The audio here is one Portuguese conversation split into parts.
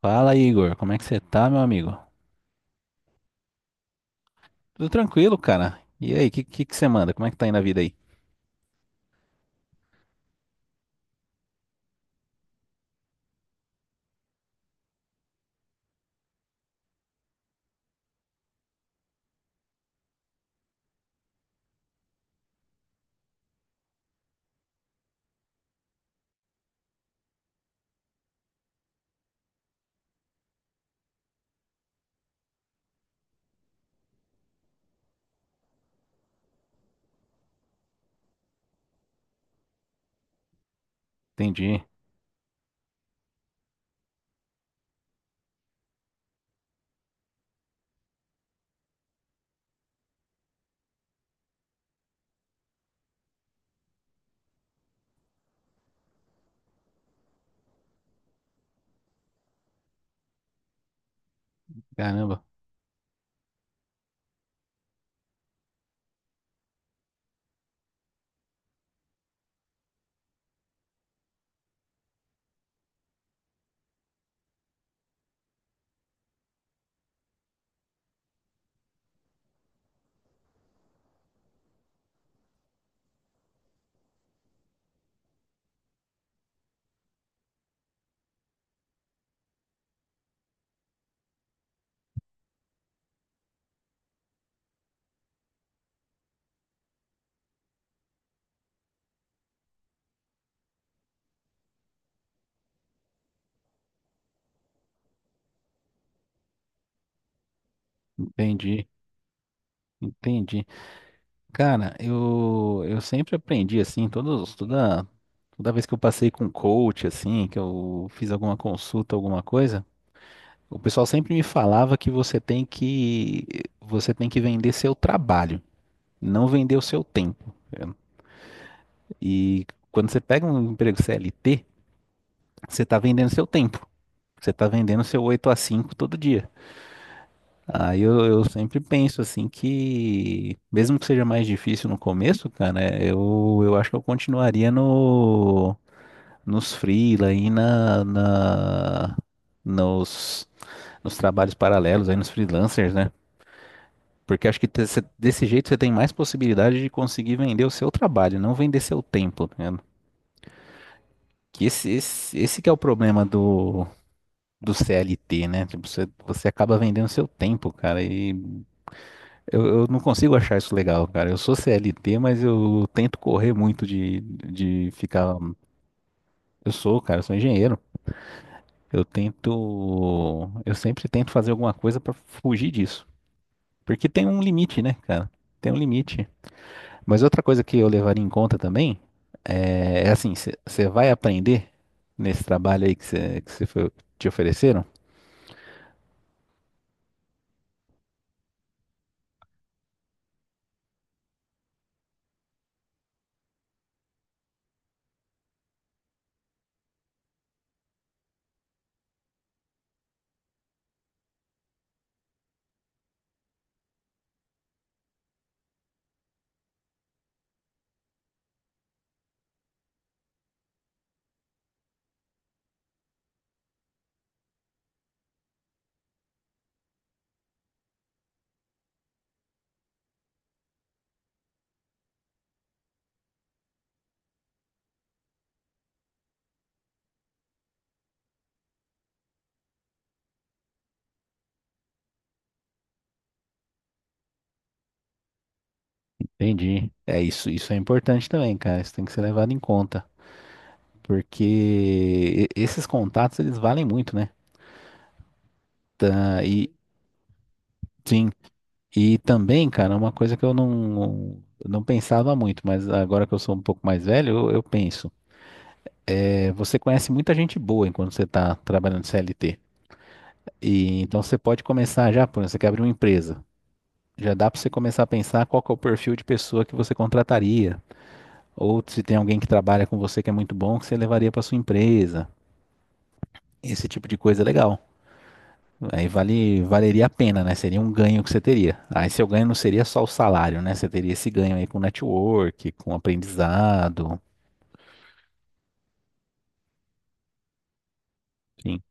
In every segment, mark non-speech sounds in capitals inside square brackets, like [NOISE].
Fala, Igor. Como é que você tá, meu amigo? Tudo tranquilo, cara. E aí, o que, que você manda? Como é que tá indo a vida aí? Entendi. Caramba, entendi, entendi. Cara, eu sempre aprendi assim, toda vez que eu passei com coach, assim, que eu fiz alguma consulta, alguma coisa. O pessoal sempre me falava que você tem que vender seu trabalho, não vender o seu tempo. E quando você pega um emprego CLT, você está vendendo seu tempo. Você está vendendo seu 8 a 5 todo dia. Aí eu sempre penso assim que, mesmo que seja mais difícil no começo, cara, eu acho que eu continuaria no, nos freela aí na, na, nos, nos trabalhos paralelos, aí nos freelancers, né? Porque acho que desse jeito você tem mais possibilidade de conseguir vender o seu trabalho, não vender seu tempo, tá ligado? Que esse que é o problema do CLT, né? Tipo, você acaba vendendo seu tempo, cara. E eu não consigo achar isso legal, cara. Eu sou CLT, mas eu tento correr muito de ficar. Eu sou, cara, eu sou engenheiro. Eu tento. Eu sempre tento fazer alguma coisa pra fugir disso. Porque tem um limite, né, cara? Tem um limite. Mas outra coisa que eu levaria em conta também é assim, você vai aprender nesse trabalho aí que você que cê foi- te ofereceram? Entendi. É isso. Isso é importante também, cara. Isso tem que ser levado em conta, porque esses contatos eles valem muito, né? Tá, e sim, e também, cara, uma coisa que eu não pensava muito, mas agora que eu sou um pouco mais velho, eu penso. É, você conhece muita gente boa enquanto você tá trabalhando CLT. E então você pode começar já. Por exemplo, você quer abrir uma empresa. Já dá para você começar a pensar qual que é o perfil de pessoa que você contrataria, ou se tem alguém que trabalha com você que é muito bom, que você levaria para sua empresa. Esse tipo de coisa é legal. Aí valeria a pena, né? Seria um ganho que você teria. Aí seu ganho não seria só o salário, né? Você teria esse ganho aí com network, com aprendizado. Sim,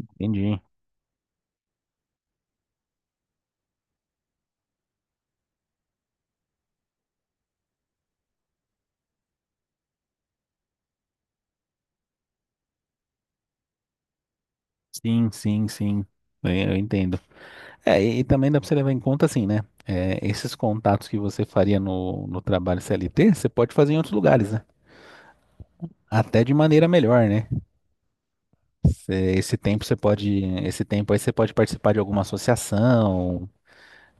entendi. Sim, sim, sim. Eu entendo. É, e também dá para você levar em conta assim, né? É, esses contatos que você faria no trabalho CLT, você pode fazer em outros lugares, né? Até de maneira melhor, né? Esse tempo você pode, esse tempo aí você pode participar de alguma associação,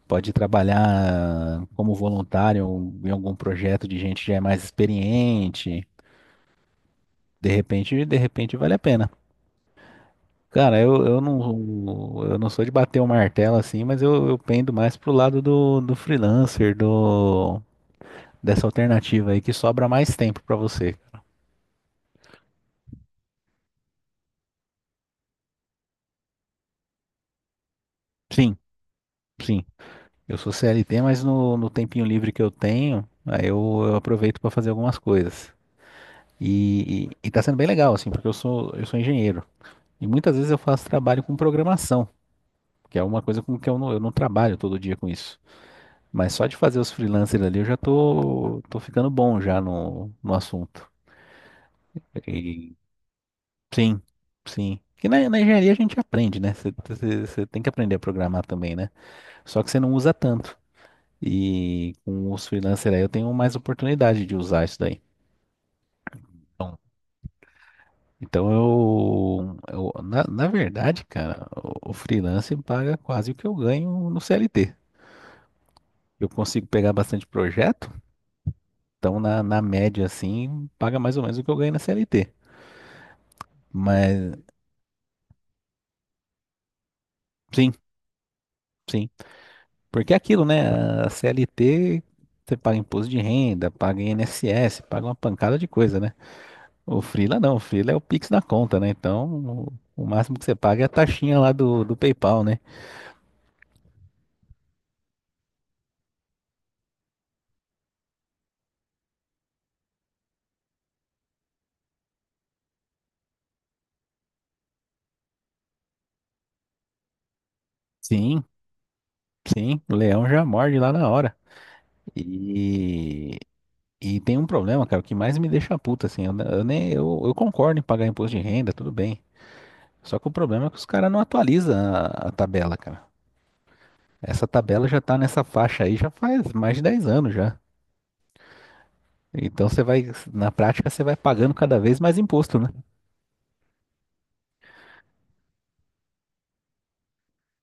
pode trabalhar como voluntário em algum projeto de gente que já é mais experiente. De repente vale a pena. Cara, eu não sou de bater o martelo assim, mas eu pendo mais pro lado do freelancer, do dessa alternativa aí que sobra mais tempo pra você. Sim, sim. Eu sou CLT, mas no tempinho livre que eu tenho, aí eu aproveito pra fazer algumas coisas. E tá sendo bem legal, assim, porque eu sou engenheiro. E muitas vezes eu faço trabalho com programação, que é uma coisa com que eu não trabalho todo dia com isso. Mas só de fazer os freelancers ali eu já tô ficando bom já no assunto. E- sim, sim. Porque na engenharia a gente aprende, né? Você tem que aprender a programar também, né? Só que você não usa tanto. E com os freelancers aí eu tenho mais oportunidade de usar isso daí. Então, na verdade, cara, o freelance paga quase o que eu ganho no CLT. Eu consigo pegar bastante projeto, então na média assim, paga mais ou menos o que eu ganho na CLT. Mas sim, sim. Porque é aquilo, né? A CLT você paga imposto de renda, paga INSS, paga uma pancada de coisa, né? O Freela não, o Freela é o Pix na conta, né? Então, o máximo que você paga é a taxinha lá do PayPal, né? Sim, sim, o leão já morde lá na hora. E, e tem um problema, cara, o que mais me deixa puto, assim, eu, ne- eu nem, eu concordo em pagar imposto de renda, tudo bem. Só que o problema é que os caras não atualizam a tabela, cara. Essa tabela já tá nessa faixa aí já faz mais de 10 anos já. Então você vai, na prática, você vai pagando cada vez mais imposto, né?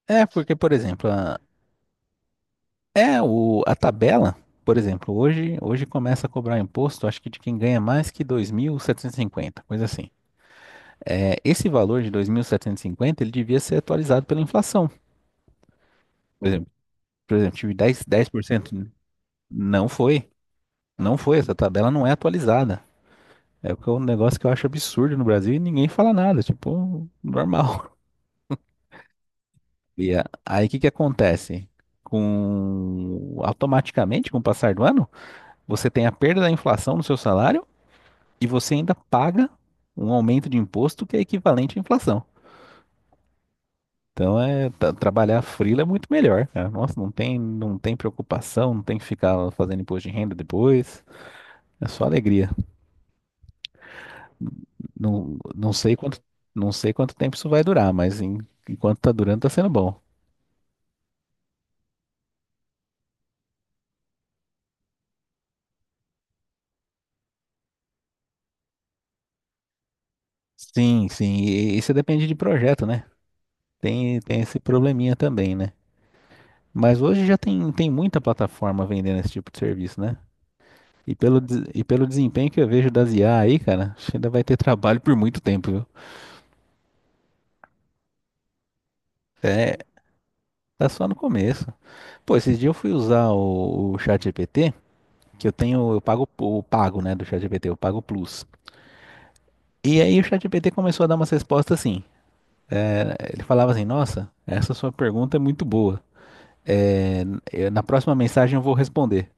É, porque, por exemplo, é, a tabela, por exemplo, hoje começa a cobrar imposto, acho que de quem ganha mais que 2.750, coisa assim. É, esse valor de 2.750 ele devia ser atualizado pela inflação. Por exemplo, por exemplo, tive 10%, não foi, não foi, essa tabela não é atualizada. É o que é um negócio que eu acho absurdo no Brasil e ninguém fala nada, tipo, normal. [LAUGHS] E aí o que que acontece? Automaticamente, com o passar do ano, você tem a perda da inflação no seu salário, e você ainda paga um aumento de imposto que é equivalente à inflação. Então é trabalhar freela é muito melhor, cara. Nossa, não tem, não tem preocupação, não tem que ficar fazendo imposto de renda depois. É só alegria. Não, não sei quanto, não sei quanto tempo isso vai durar, mas enquanto tá durando, tá sendo bom. Sim, sim. E isso depende de projeto, né? Tem, tem esse probleminha também, né? Mas hoje já tem, tem muita plataforma vendendo esse tipo de serviço, né? E e pelo desempenho que eu vejo das IA aí, cara, acho que ainda vai ter trabalho por muito tempo, viu? É, tá só no começo. Pô, esses dias eu fui usar o ChatGPT, que eu tenho, eu pago o pago, né, do ChatGPT, eu pago o Plus. E aí o ChatGPT começou a dar umas respostas assim. Ele falava assim, nossa, essa sua pergunta é muito boa. É, na próxima mensagem eu vou responder.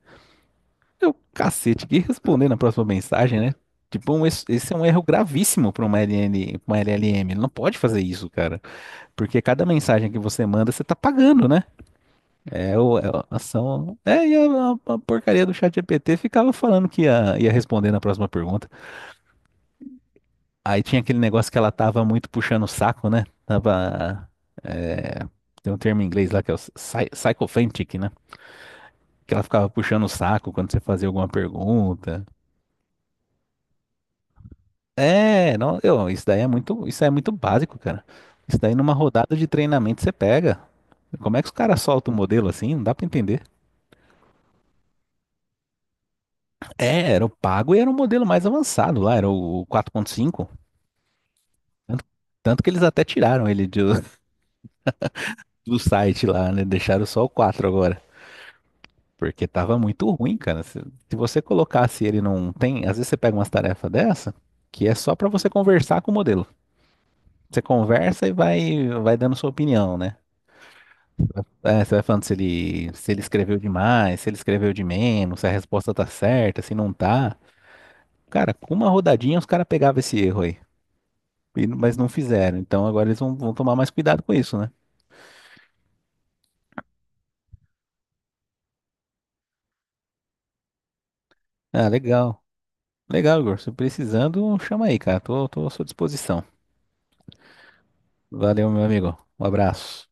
Eu, cacete, que responder na próxima mensagem, né? Tipo, esse é um erro gravíssimo para uma LN, pra uma LLM. Ele não pode fazer isso, cara. Porque cada mensagem que você manda, você tá pagando, né? É, é a ação. É, a porcaria do chat GPT ficava falando que ia responder na próxima pergunta. Aí tinha aquele negócio que ela tava muito puxando o saco, né? Tava. É, tem um termo em inglês lá que é o psychophantic, né? Que ela ficava puxando o saco quando você fazia alguma pergunta. É, não, eu, isso daí é muito, isso aí é muito básico, cara. Isso daí numa rodada de treinamento você pega. Como é que os caras soltam o modelo assim? Não dá pra entender. É, era o pago e era o modelo mais avançado lá, era o 4.5. Tanto, tanto que eles até tiraram ele [LAUGHS] do site lá, né? Deixaram só o 4 agora. Porque tava muito ruim, cara. Se você colocasse ele não tem, às vezes você pega umas tarefas dessa, que é só pra você conversar com o modelo. Você conversa e vai, vai dando sua opinião, né? É, você vai falando se ele, se ele escreveu demais, se ele escreveu de menos, se a resposta tá certa, se não tá. Cara, com uma rodadinha os caras pegavam esse erro aí. Mas não fizeram. Então agora eles vão, vão tomar mais cuidado com isso, né? Ah, legal. Legal, Igor. Se precisando, chama aí, cara. Tô à sua disposição. Valeu, meu amigo. Um abraço.